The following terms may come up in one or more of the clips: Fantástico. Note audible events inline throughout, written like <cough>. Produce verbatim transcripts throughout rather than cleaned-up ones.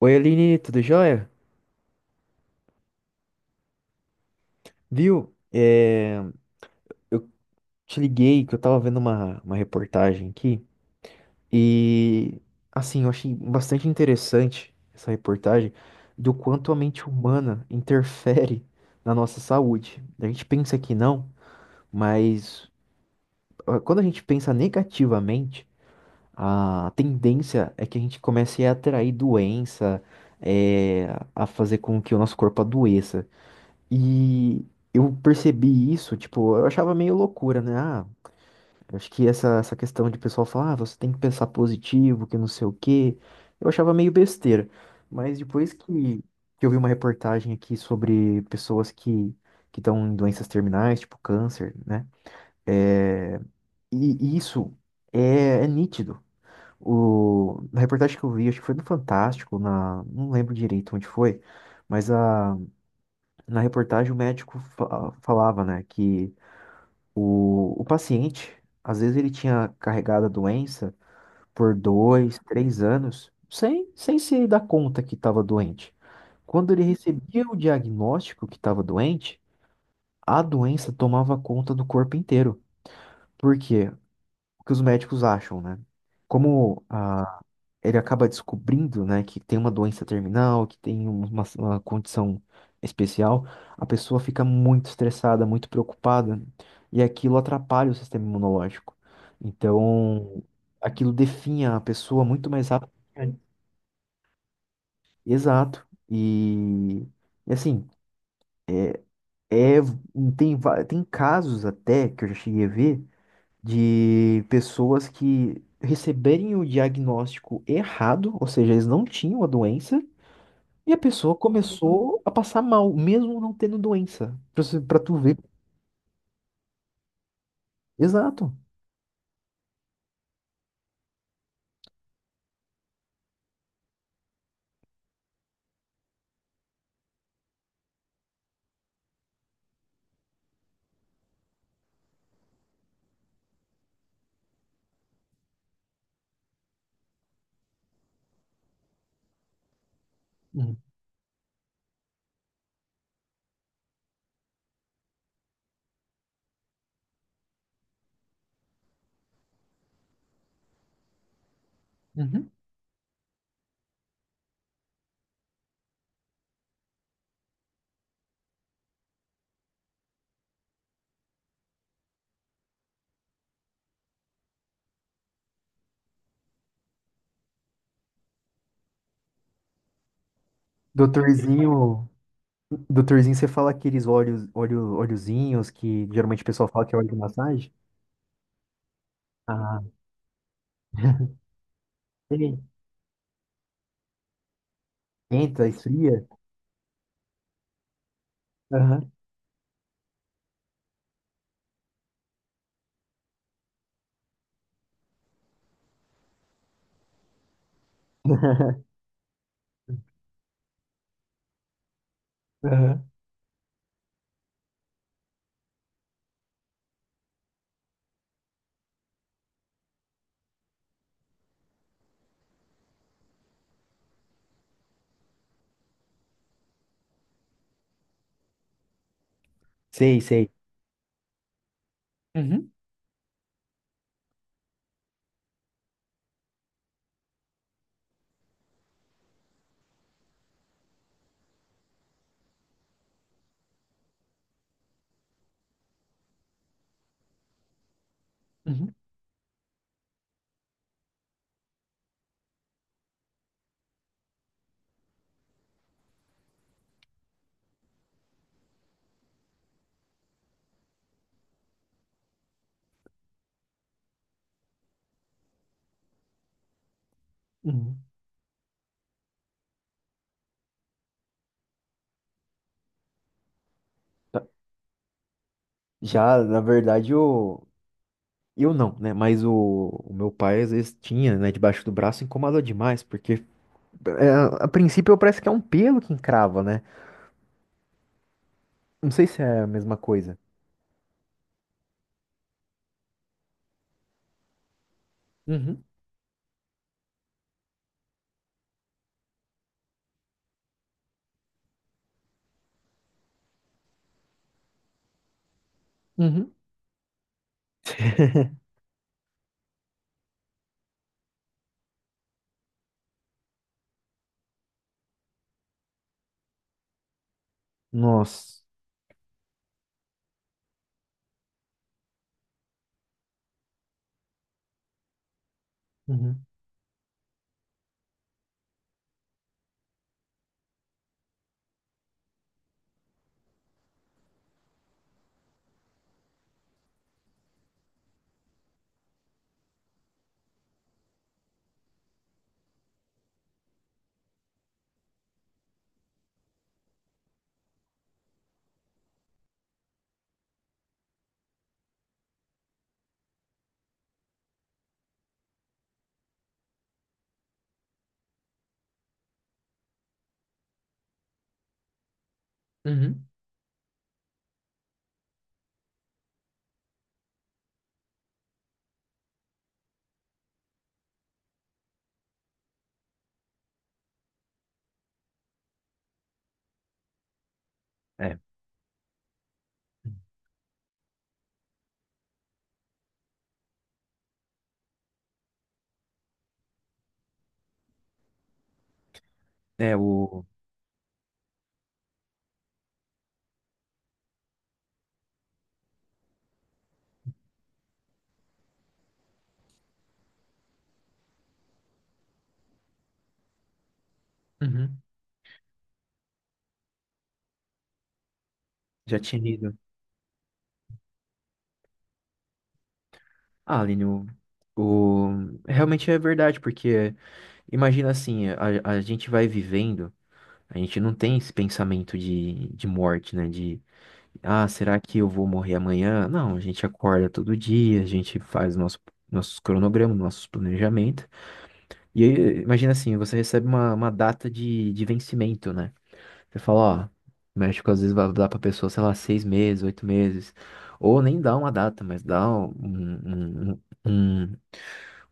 Oi, Aline, tudo jóia? Viu? É, te liguei que eu tava vendo uma, uma reportagem aqui e, assim, eu achei bastante interessante essa reportagem do quanto a mente humana interfere na nossa saúde. A gente pensa que não, mas ah, quando a gente pensa negativamente, a tendência é que a gente comece a atrair doença, é, a fazer com que o nosso corpo adoeça. E eu percebi isso, tipo, eu achava meio loucura, né? Ah, eu acho que essa, essa questão de pessoal falar, ah, você tem que pensar positivo, que não sei o quê. Eu achava meio besteira. Mas depois que, que eu vi uma reportagem aqui sobre pessoas que que estão em doenças terminais, tipo câncer, né? É, e isso é, é nítido. O, na reportagem que eu vi, acho que foi no Fantástico, na, não lembro direito onde foi, mas a na reportagem, o médico fa- falava, né, que o, o paciente, às vezes, ele tinha carregado a doença por dois, três anos, sem, sem se dar conta que estava doente. Quando ele recebia o diagnóstico que estava doente, a doença tomava conta do corpo inteiro. Por quê? O que os médicos acham, né? Como ele acaba descobrindo, né, que tem uma doença terminal, que tem um, uma, uma condição especial, a pessoa fica muito estressada, muito preocupada, e aquilo atrapalha o sistema imunológico. Então, aquilo definha a pessoa muito mais rápido. Exato. E, e assim, é, tem, va- tem casos até que eu já cheguei a ver de pessoas que receberem o diagnóstico errado, ou seja, eles não tinham a doença, e a pessoa começou a passar mal, mesmo não tendo doença. Pra, você- pra tu ver. Exato. Uhum. Uhum. Doutorzinho. Doutorzinho, você fala aqueles olhos, olho, olhozinhos que geralmente o pessoal fala que é óleo de massagem? Ah, sei. Entra, esfria. Aham, aham. Sei, sei. Uhum. Uhum. Uhum. Tá. Já, na verdade, o. Eu não, né? Mas o, o meu pai às vezes tinha, né, debaixo do braço, incomoda demais, porque é, a princípio parece que é um pelo que encrava, né? Não sei se é a mesma coisa. Uhum, uhum, <laughs> Nossa. Uhum, uhum, é, é o. Uhum. Já tinha lido. Ah, Aline, o, o- realmente é verdade, porque imagina assim, a, a gente vai vivendo, a gente não tem esse pensamento de, de morte, né? De, ah, será que eu vou morrer amanhã? Não, a gente acorda todo dia, a gente faz o nosso, nossos cronogramas, nossos planejamentos. E aí, imagina assim, você recebe uma, uma data de, de vencimento, né? Você fala, ó, o médico às vezes vai dar pra pessoa, sei lá, seis meses, oito meses, ou nem dá uma data, mas dá um, um, um, um-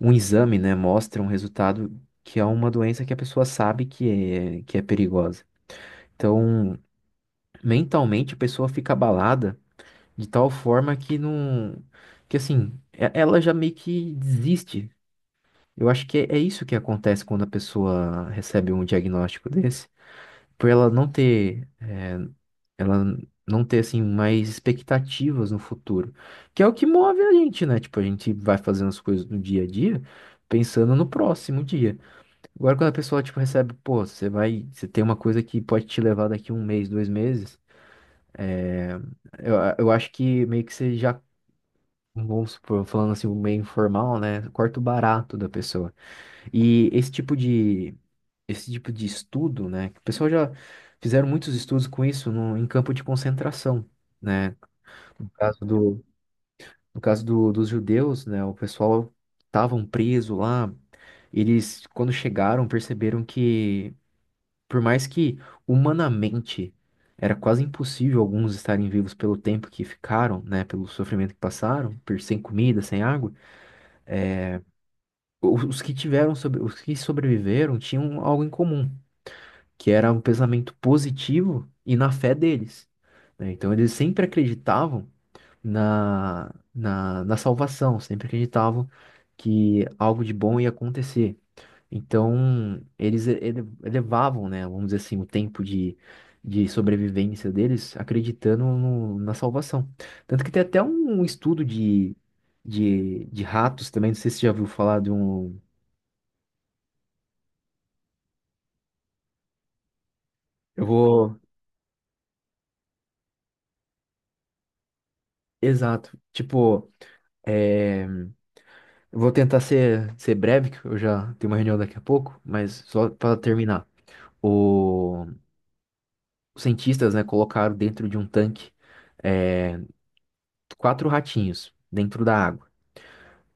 um exame, né? Mostra um resultado que é uma doença que a pessoa sabe que é, que é perigosa. Então, mentalmente a pessoa fica abalada de tal forma que não, que assim, e- ela já meio que desiste. Eu acho que é é isso que acontece quando a pessoa recebe um diagnóstico desse, por ela não ter ela não ter assim mais expectativas no futuro, que é o que move a gente, né? Tipo, a gente vai fazendo as coisas no dia a dia, pensando no próximo dia. Agora quando a pessoa tipo recebe, pô, você vai, você tem uma coisa que pode te levar daqui um mês, dois meses, é, eu, eu acho que meio que você já vamos supor, falando assim, meio informal, né? Corta o barato da pessoa. E esse tipo de, esse tipo de estudo, né? que O pessoal já fizeram muitos estudos com isso no, em campo de concentração né? No caso do, no caso do, dos judeus, né, o pessoal estavam preso lá. Eles, quando chegaram, perceberam que, por mais que humanamente era quase impossível alguns estarem vivos pelo tempo que ficaram, né, pelo sofrimento que passaram, por sem comida, sem água, o- os que tiveram, sobre, os que sobreviveram tinham algo em comum, que era um pensamento positivo e na fé deles, né? Então eles sempre acreditavam na, na, na salvação, sempre acreditavam que algo de bom ia acontecer. Então, eles ele- elevavam, né, vamos dizer assim, o tempo de, de sobrevivência deles acreditando no- na salvação. Tanto que tem até um estudo de, de, de ratos também, não sei se você já ouviu falar de um. Eu vou. Exato. Tipo. É, eu vou tentar ser, ser breve, que eu já tenho uma reunião daqui a pouco, mas só para terminar. O, Os cientistas, né, colocaram dentro de um tanque é, quatro ratinhos dentro da água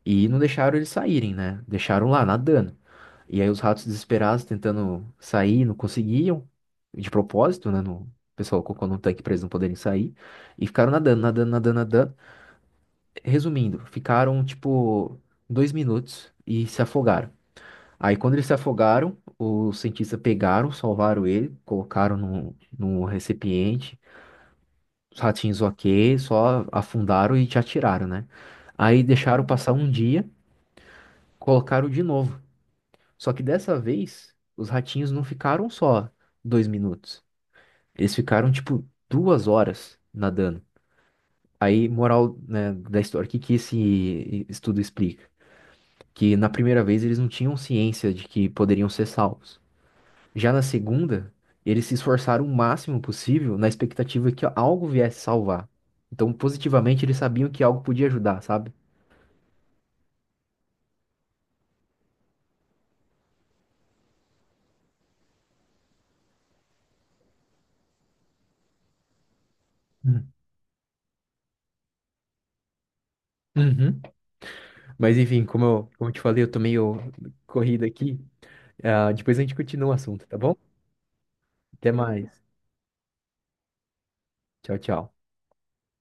e não deixaram eles saírem, né? Deixaram lá nadando. E aí os ratos desesperados tentando sair, não conseguiam, de propósito, né? No... O pessoal colocou num tanque para eles não poderem sair e ficaram nadando, nadando, nadando, nadando. Resumindo, ficaram tipo dois minutos e se afogaram. Aí quando eles se afogaram, os cientistas pegaram, salvaram ele, colocaram num, num recipiente. Os ratinhos ok, só afundaram e te atiraram, né? Aí deixaram passar um dia, colocaram de novo. Só que dessa vez, os ratinhos não ficaram só dois minutos. Eles ficaram, tipo, duas horas nadando. Aí, moral, né, da história, o que que esse estudo explica? Que na primeira vez eles não tinham ciência de que poderiam ser salvos. Já na segunda, eles se esforçaram o máximo possível na expectativa que algo viesse salvar. Então, positivamente, eles sabiam que algo podia ajudar, sabe? Uhum. Mas enfim, como eu, como eu te falei, eu tô meio corrido aqui. Ah, depois a gente continua o assunto, tá bom? Até mais. Tchau, tchau.